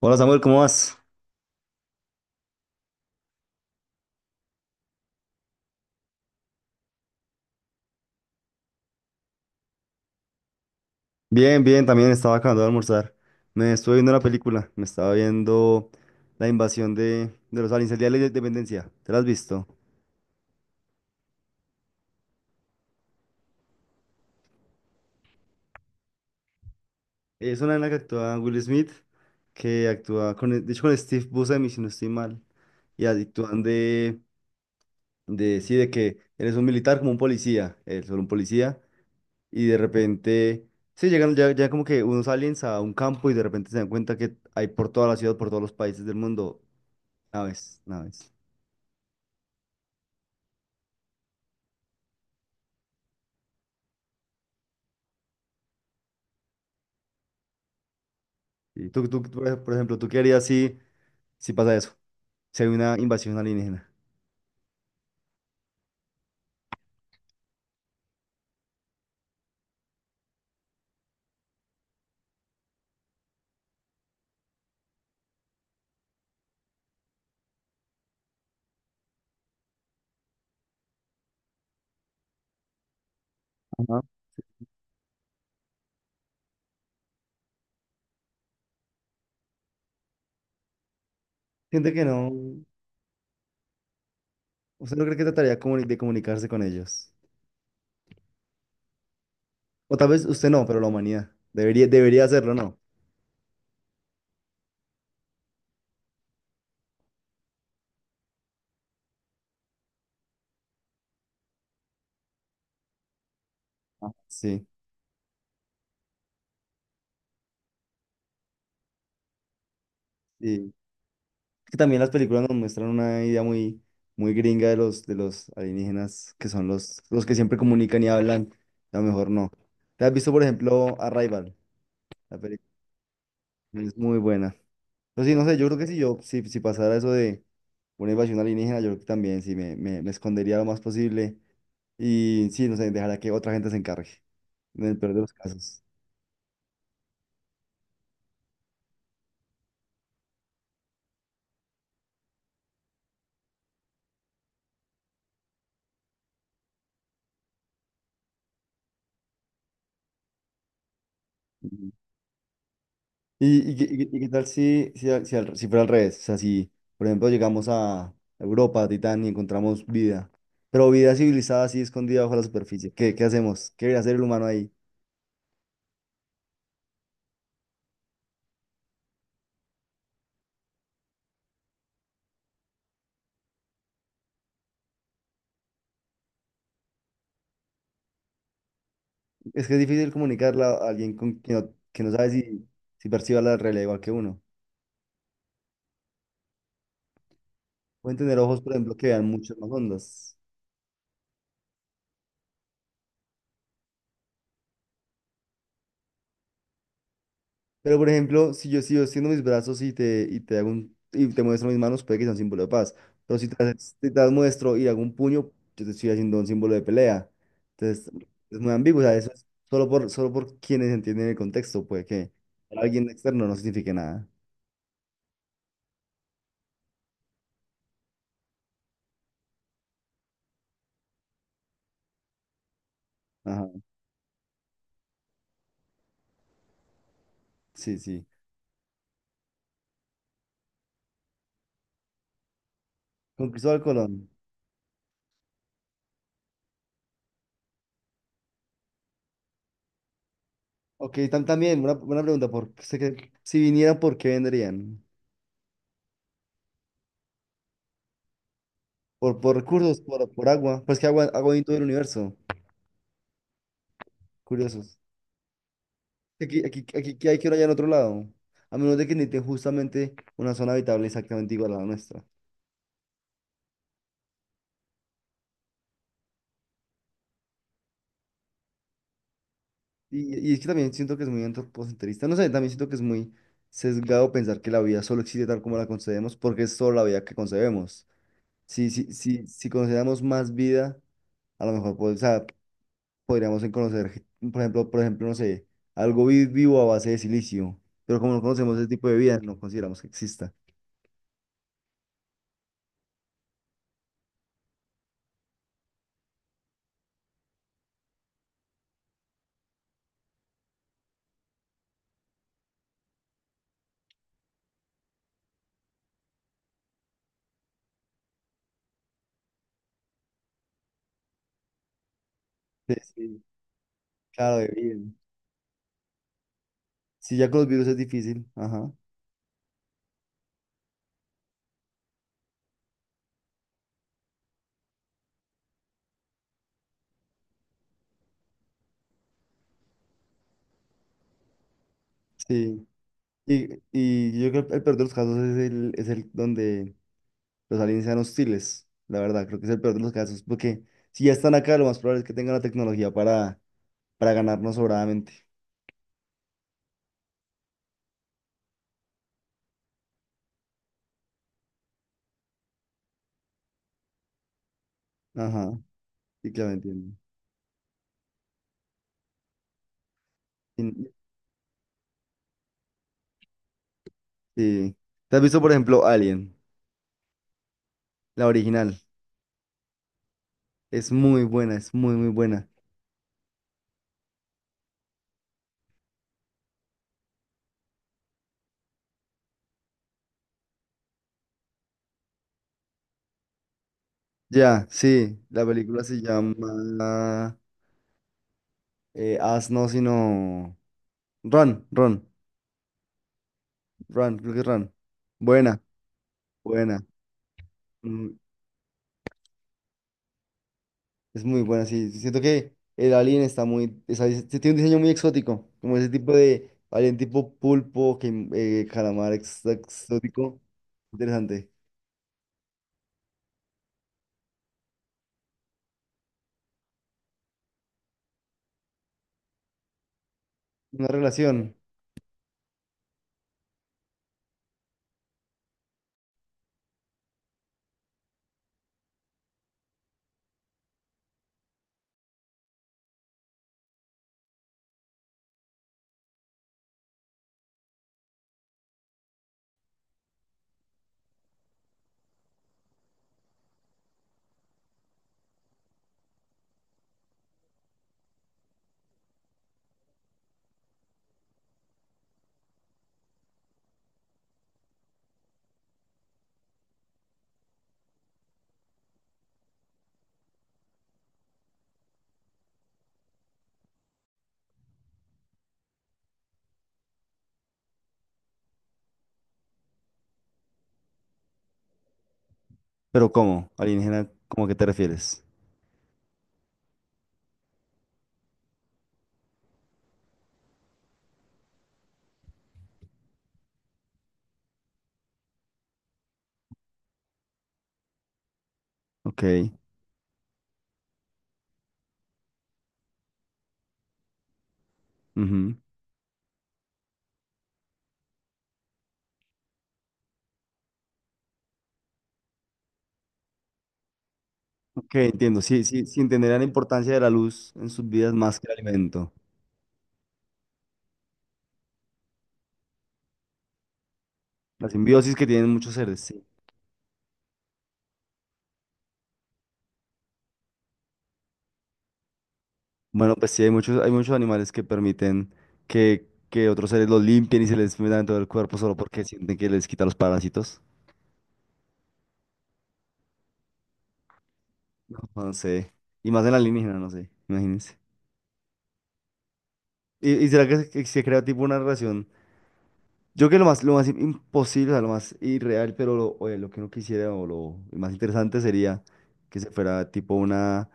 Hola Samuel, ¿cómo vas? Bien, bien, también estaba acabando de almorzar. Me estuve viendo una película, me estaba viendo la invasión de los aliens, el Día de la Independencia. ¿Te la has visto? Es una en la que actúa Will Smith, que actúa con, de hecho, con Steve Buscemi, si no estoy mal. Y actúan de, sí, de que eres un militar como un policía, él solo un policía, y de repente, sí, llegan ya, ya como que unos aliens a un campo y de repente se dan cuenta que hay por toda la ciudad, por todos los países del mundo, naves. Y tú, por ejemplo, ¿tú qué harías si, si pasa eso? Si hay una invasión alienígena. Ajá. Siente que no. ¿Usted no cree que de comunicarse con ellos? O tal vez usted no, pero la humanidad. Debería hacerlo, ¿no? Ah, sí. Sí. Es que también las películas nos muestran una idea muy, muy gringa de de los alienígenas, que son los que siempre comunican y hablan. A lo mejor no. ¿Te has visto, por ejemplo, Arrival? La película es muy buena. Pero sí, no sé, yo creo que si yo, si, si pasara eso de una invasión alienígena, yo creo que también sí me escondería lo más posible y sí, no sé, dejaría que otra gente se encargue, en el peor de los casos. Ujú. Y, qué tal si, si fuera al revés? O sea, si, por ejemplo, llegamos a Europa, a Titán, y encontramos vida, pero vida civilizada así escondida bajo la superficie, ¿qué, qué hacemos? ¿Qué debería hacer el humano ahí? Es que es difícil comunicarla a alguien con, que no sabe si, si percibe la realidad igual que uno. Pueden tener ojos, por ejemplo, que vean muchas más ondas. Pero, por ejemplo, si yo sigo extiendo mis brazos y y te hago y te muestro mis manos, puede que sea un símbolo de paz. Pero si te las muestro y hago un puño, yo te estoy haciendo un símbolo de pelea. Entonces, es muy ambiguo. O sea, eso es solo por, solo por quienes entienden el contexto. Puede que para alguien externo no signifique nada. Ajá, sí, sí. Con Cristóbal Colón. Ok, tam- también, una buena pregunta. Por, sé que si vinieran, ¿por qué vendrían? Por recursos? Por agua? Pues que agua, agua en todo el universo. Curiosos. Aquí, ¿qué hay que ir allá en otro lado? A menos de que necesiten justamente una zona habitable exactamente igual a la nuestra. Y es que también siento que es muy antropocentrista. No sé, también siento que es muy sesgado pensar que la vida solo existe tal como la concebemos, porque es solo la vida que concebemos. Si consideramos más vida, a lo mejor pues, o sea, podríamos en conocer, ge- por ejemplo, no sé, algo vi- vivo a base de silicio. Pero como no conocemos ese tipo de vida, no consideramos que exista. Sí, sí, claro, de vida. Sí, ya con los virus es difícil. Ajá. Sí. Y yo creo que el peor de los casos es es el donde los aliens sean hostiles. La verdad, creo que es el peor de los casos. Porque si ya están acá, lo más probable es que tengan la tecnología para ganarnos sobradamente. Ajá. Sí, claro, entiendo. Y- sí. ¿Te has visto, por ejemplo, Alien? La original. Es muy buena, es muy, muy buena. Ya, sí. La película se llama. As no, sino. Run, Run, Run, creo que es Run. Buena. Buena, mm, es muy buena, sí. Siento que el alien está muy, o sea, es- tiene un diseño muy exótico, como ese tipo de alien tipo pulpo, que, calamar ex- exótico. Interesante. Una relación. Pero ¿cómo? Alienígena, ¿cómo a qué te refieres? Ok. Ujú. Ok, entiendo. Sí, sí entenderán la importancia de la luz en sus vidas más que el alimento. La simbiosis que tienen muchos seres. Bueno, pues sí, hay muchos animales que permiten que otros seres los limpien y se les metan en todo el cuerpo solo porque sienten que les quita los parásitos. No sé. Y más en la alienígena, no sé, imagínense. Y será que se crea tipo una relación? Yo creo que lo más imposible, o sea, lo más irreal, pero lo, oye, lo que no quisiera o lo más interesante sería que se fuera tipo una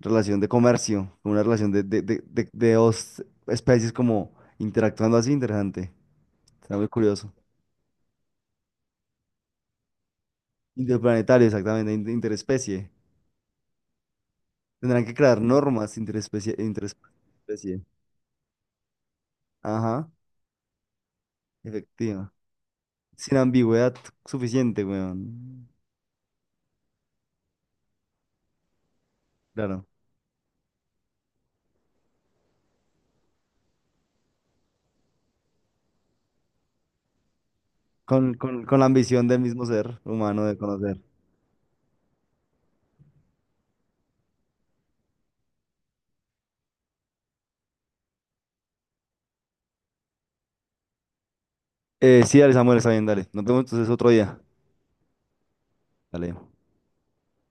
relación de comercio, una relación de dos especies como interactuando así, interesante. Está muy curioso. Interplanetario, exactamente, in- interespecie. Tendrán que crear normas interespecie. Ajá, efectiva. Sin ambigüedad suficiente, weón. Claro. Con, con la ambición del mismo ser humano de conocer. Sí, dale, Samuel, está bien, dale. Nos vemos entonces otro día. Dale.